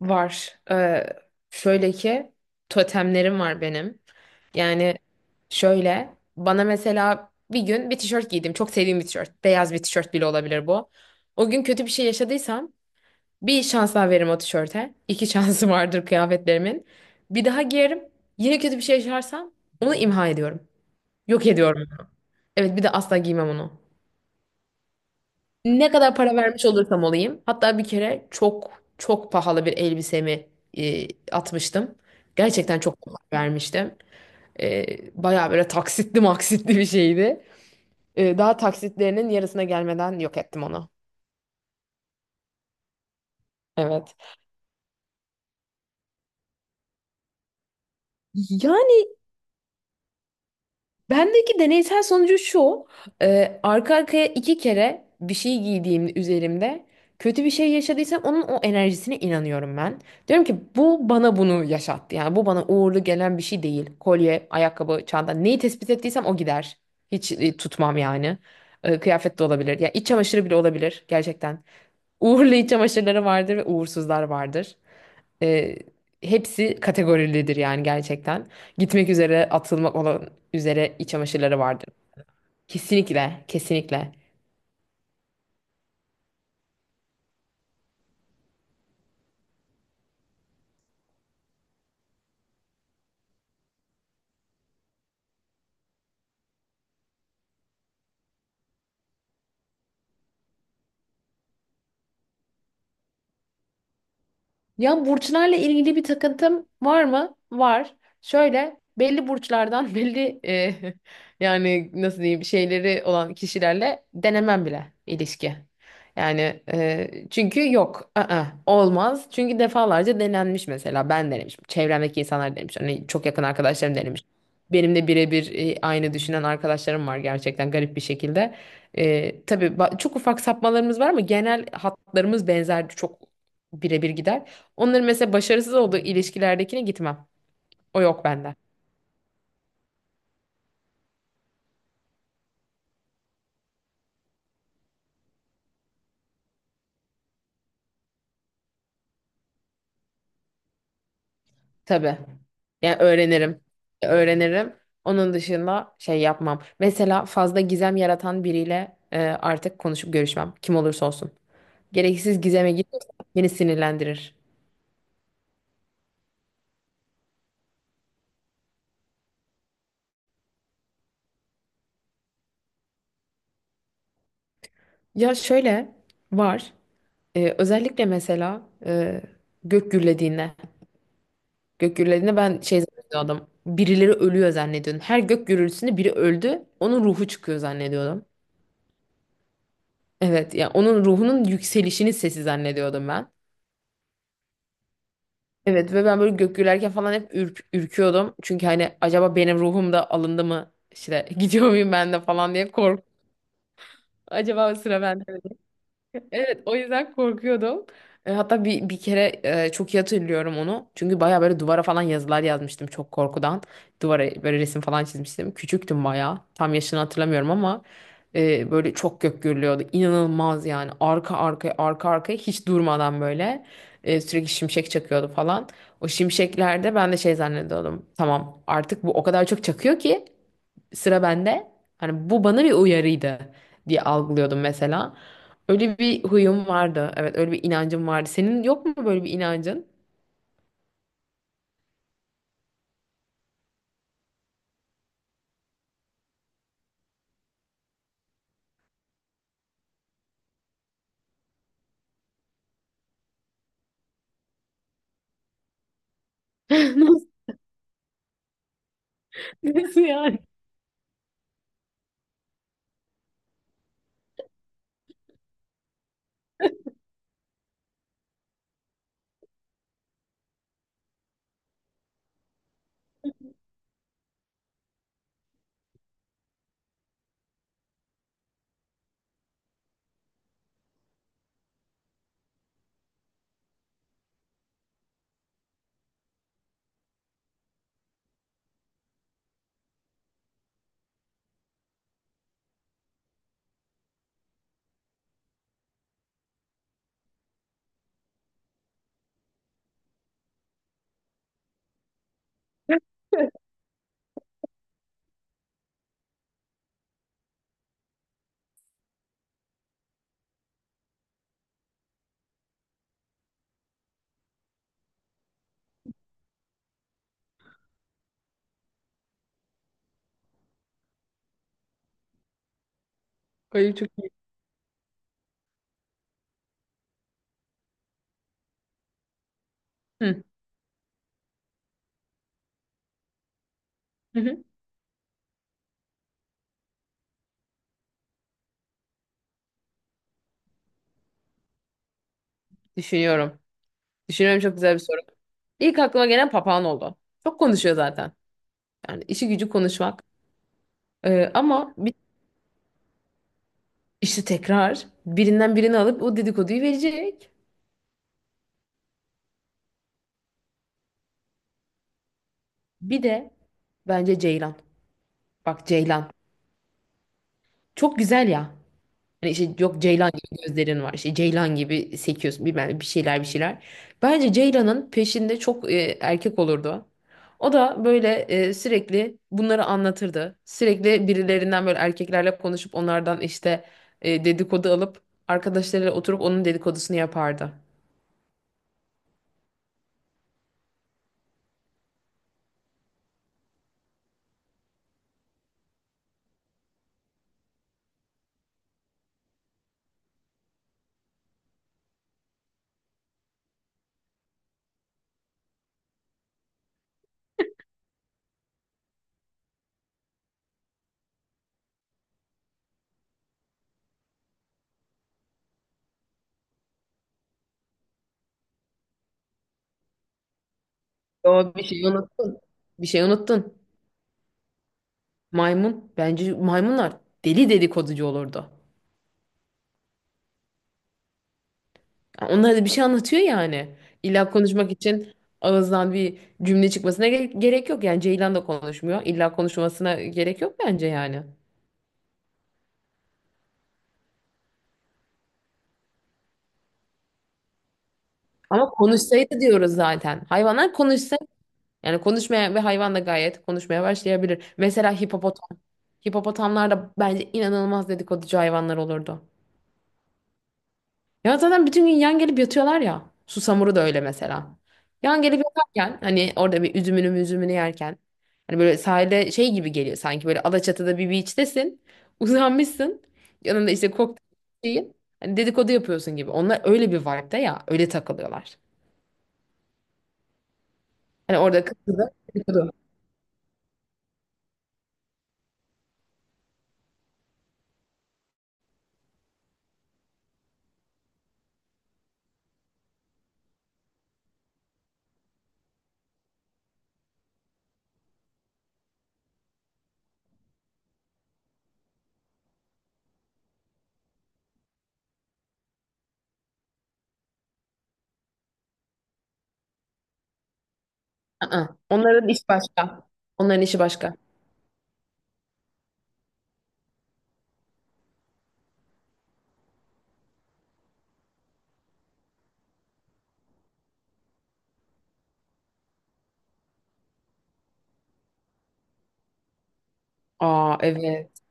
Var. Şöyle ki totemlerim var benim. Yani şöyle bana mesela bir gün bir tişört giydim. Çok sevdiğim bir tişört. Beyaz bir tişört bile olabilir bu. O gün kötü bir şey yaşadıysam bir şans daha veririm o tişörte. İki şansı vardır kıyafetlerimin. Bir daha giyerim. Yine kötü bir şey yaşarsam onu imha ediyorum. Yok ediyorum. Evet, bir de asla giymem onu. Ne kadar para vermiş olursam olayım. Hatta bir kere çok çok pahalı bir elbisemi atmıştım. Gerçekten çok pahalı vermiştim. E, Bayağı böyle taksitli maksitli bir şeydi. Daha taksitlerinin yarısına gelmeden yok ettim onu. Evet. Yani bendeki deneysel sonucu şu. Arka arkaya iki kere bir şey giydiğim üzerimde kötü bir şey yaşadıysam onun o enerjisine inanıyorum ben. Diyorum ki bu bana bunu yaşattı. Yani bu bana uğurlu gelen bir şey değil. Kolye, ayakkabı, çanta, neyi tespit ettiysem o gider. Hiç tutmam yani. Kıyafet de olabilir. Ya iç çamaşırı bile olabilir gerçekten. Uğurlu iç çamaşırları vardır ve uğursuzlar vardır. E, Hepsi kategorilidir yani gerçekten. Gitmek üzere, atılmak olan üzere iç çamaşırları vardır. Kesinlikle, kesinlikle. Ya burçlarla ilgili bir takıntım var mı? Var. Şöyle belli burçlardan belli yani nasıl diyeyim şeyleri olan kişilerle denemem bile ilişki. Yani çünkü yok, ı-ı, olmaz. Çünkü defalarca denenmiş, mesela ben denemişim, çevremdeki insanlar denemiş, hani çok yakın arkadaşlarım denemiş. Benim de birebir aynı düşünen arkadaşlarım var gerçekten garip bir şekilde. Tabii çok ufak sapmalarımız var ama genel hatlarımız benzer, çok birebir gider. Onların mesela başarısız olduğu ilişkilerdekine gitmem. O yok bende. Tabii. Yani öğrenirim. Öğrenirim. Onun dışında şey yapmam. Mesela fazla gizem yaratan biriyle artık konuşup görüşmem. Kim olursa olsun. Gereksiz gizeme gidiyorsa beni sinirlendirir. Ya şöyle var. Özellikle mesela gök gürlediğinde. Gök gürlediğinde ben şey zannediyordum. Birileri ölüyor zannediyordum. Her gök gürültüsünde biri öldü. Onun ruhu çıkıyor zannediyordum. Evet, ya onun ruhunun yükselişinin sesi zannediyordum ben. Evet ve ben böyle gök gürlerken falan hep ürküyordum. Çünkü hani acaba benim ruhum da alındı mı? İşte gidiyor muyum ben de falan diye kork. Acaba o sıra bende. Evet, o yüzden korkuyordum. Hatta bir kere çok iyi hatırlıyorum onu. Çünkü baya böyle duvara falan yazılar yazmıştım çok korkudan. Duvara böyle resim falan çizmiştim. Küçüktüm baya. Tam yaşını hatırlamıyorum ama böyle çok gök gürlüyordu. İnanılmaz yani. Arka arkaya arka arkaya hiç durmadan böyle sürekli şimşek çakıyordu falan. O şimşeklerde ben de şey zannediyordum. Tamam, artık bu o kadar çok çakıyor ki sıra bende. Hani bu bana bir uyarıydı diye algılıyordum mesela. Öyle bir huyum vardı. Evet, öyle bir inancım vardı. Senin yok mu böyle bir inancın? Nasıl nasıl yani? Öyle çok iyi. Hı. Hı hı. Düşünüyorum. Düşünüyorum, çok güzel bir soru. İlk aklıma gelen papağan oldu. Çok konuşuyor zaten. Yani işi gücü konuşmak. Ama bir, işte tekrar birinden birini alıp o dedikoduyu verecek. Bir de bence ceylan. Bak, ceylan. Çok güzel ya. Hani işte yok, ceylan gibi gözlerin var, işte ceylan gibi sekiyorsun bilmem ne, bir şeyler bir şeyler. Bence ceylanın peşinde çok erkek olurdu. O da böyle sürekli bunları anlatırdı. Sürekli birilerinden, böyle erkeklerle konuşup onlardan işte dedikodu alıp arkadaşlarıyla oturup onun dedikodusunu yapardı. Yo, bir şey unuttun. Bir şey unuttun. Maymun. Bence maymunlar deli dedikoducu olurdu. Onlar da bir şey anlatıyor yani. İlla konuşmak için ağızdan bir cümle çıkmasına gerek yok. Yani ceylan da konuşmuyor. İlla konuşmasına gerek yok bence yani. Ama konuşsaydı diyoruz zaten. Hayvanlar konuşsa, yani konuşmaya ve hayvan da gayet konuşmaya başlayabilir. Mesela hipopotam. Hipopotamlar da bence inanılmaz dedikoducu hayvanlar olurdu. Ya zaten bütün gün yan gelip yatıyorlar ya. Susamuru da öyle mesela. Yan gelip yatarken hani orada bir üzümünü yerken hani böyle sahile şey gibi geliyor, sanki böyle Alaçatı'da bir beach'tesin. Uzanmışsın. Yanında işte kokteyl şeyin. Hani dedikodu yapıyorsun gibi. Onlar öyle bir vibe'da ya. Öyle takılıyorlar. Hani orada kız kızı dedikodu. Aa, onların iş başka. Onların işi başka. Aa, evet.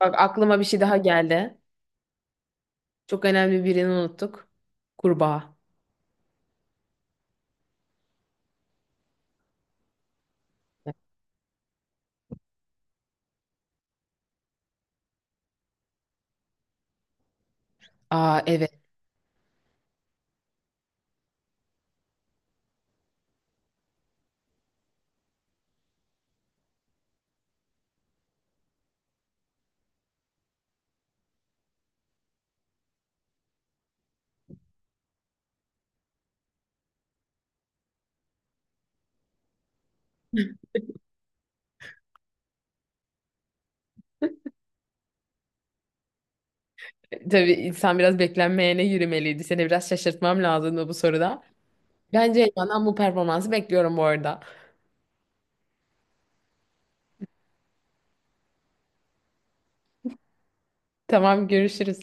Bak, aklıma bir şey daha geldi. Çok önemli birini unuttuk. Kurbağa. Aa, evet. Tabii insan biraz beklenmeyene yürümeliydi. Seni biraz şaşırtmam lazımdı bu soruda. Bence Elvan'dan bu performansı bekliyorum bu arada. Tamam, görüşürüz.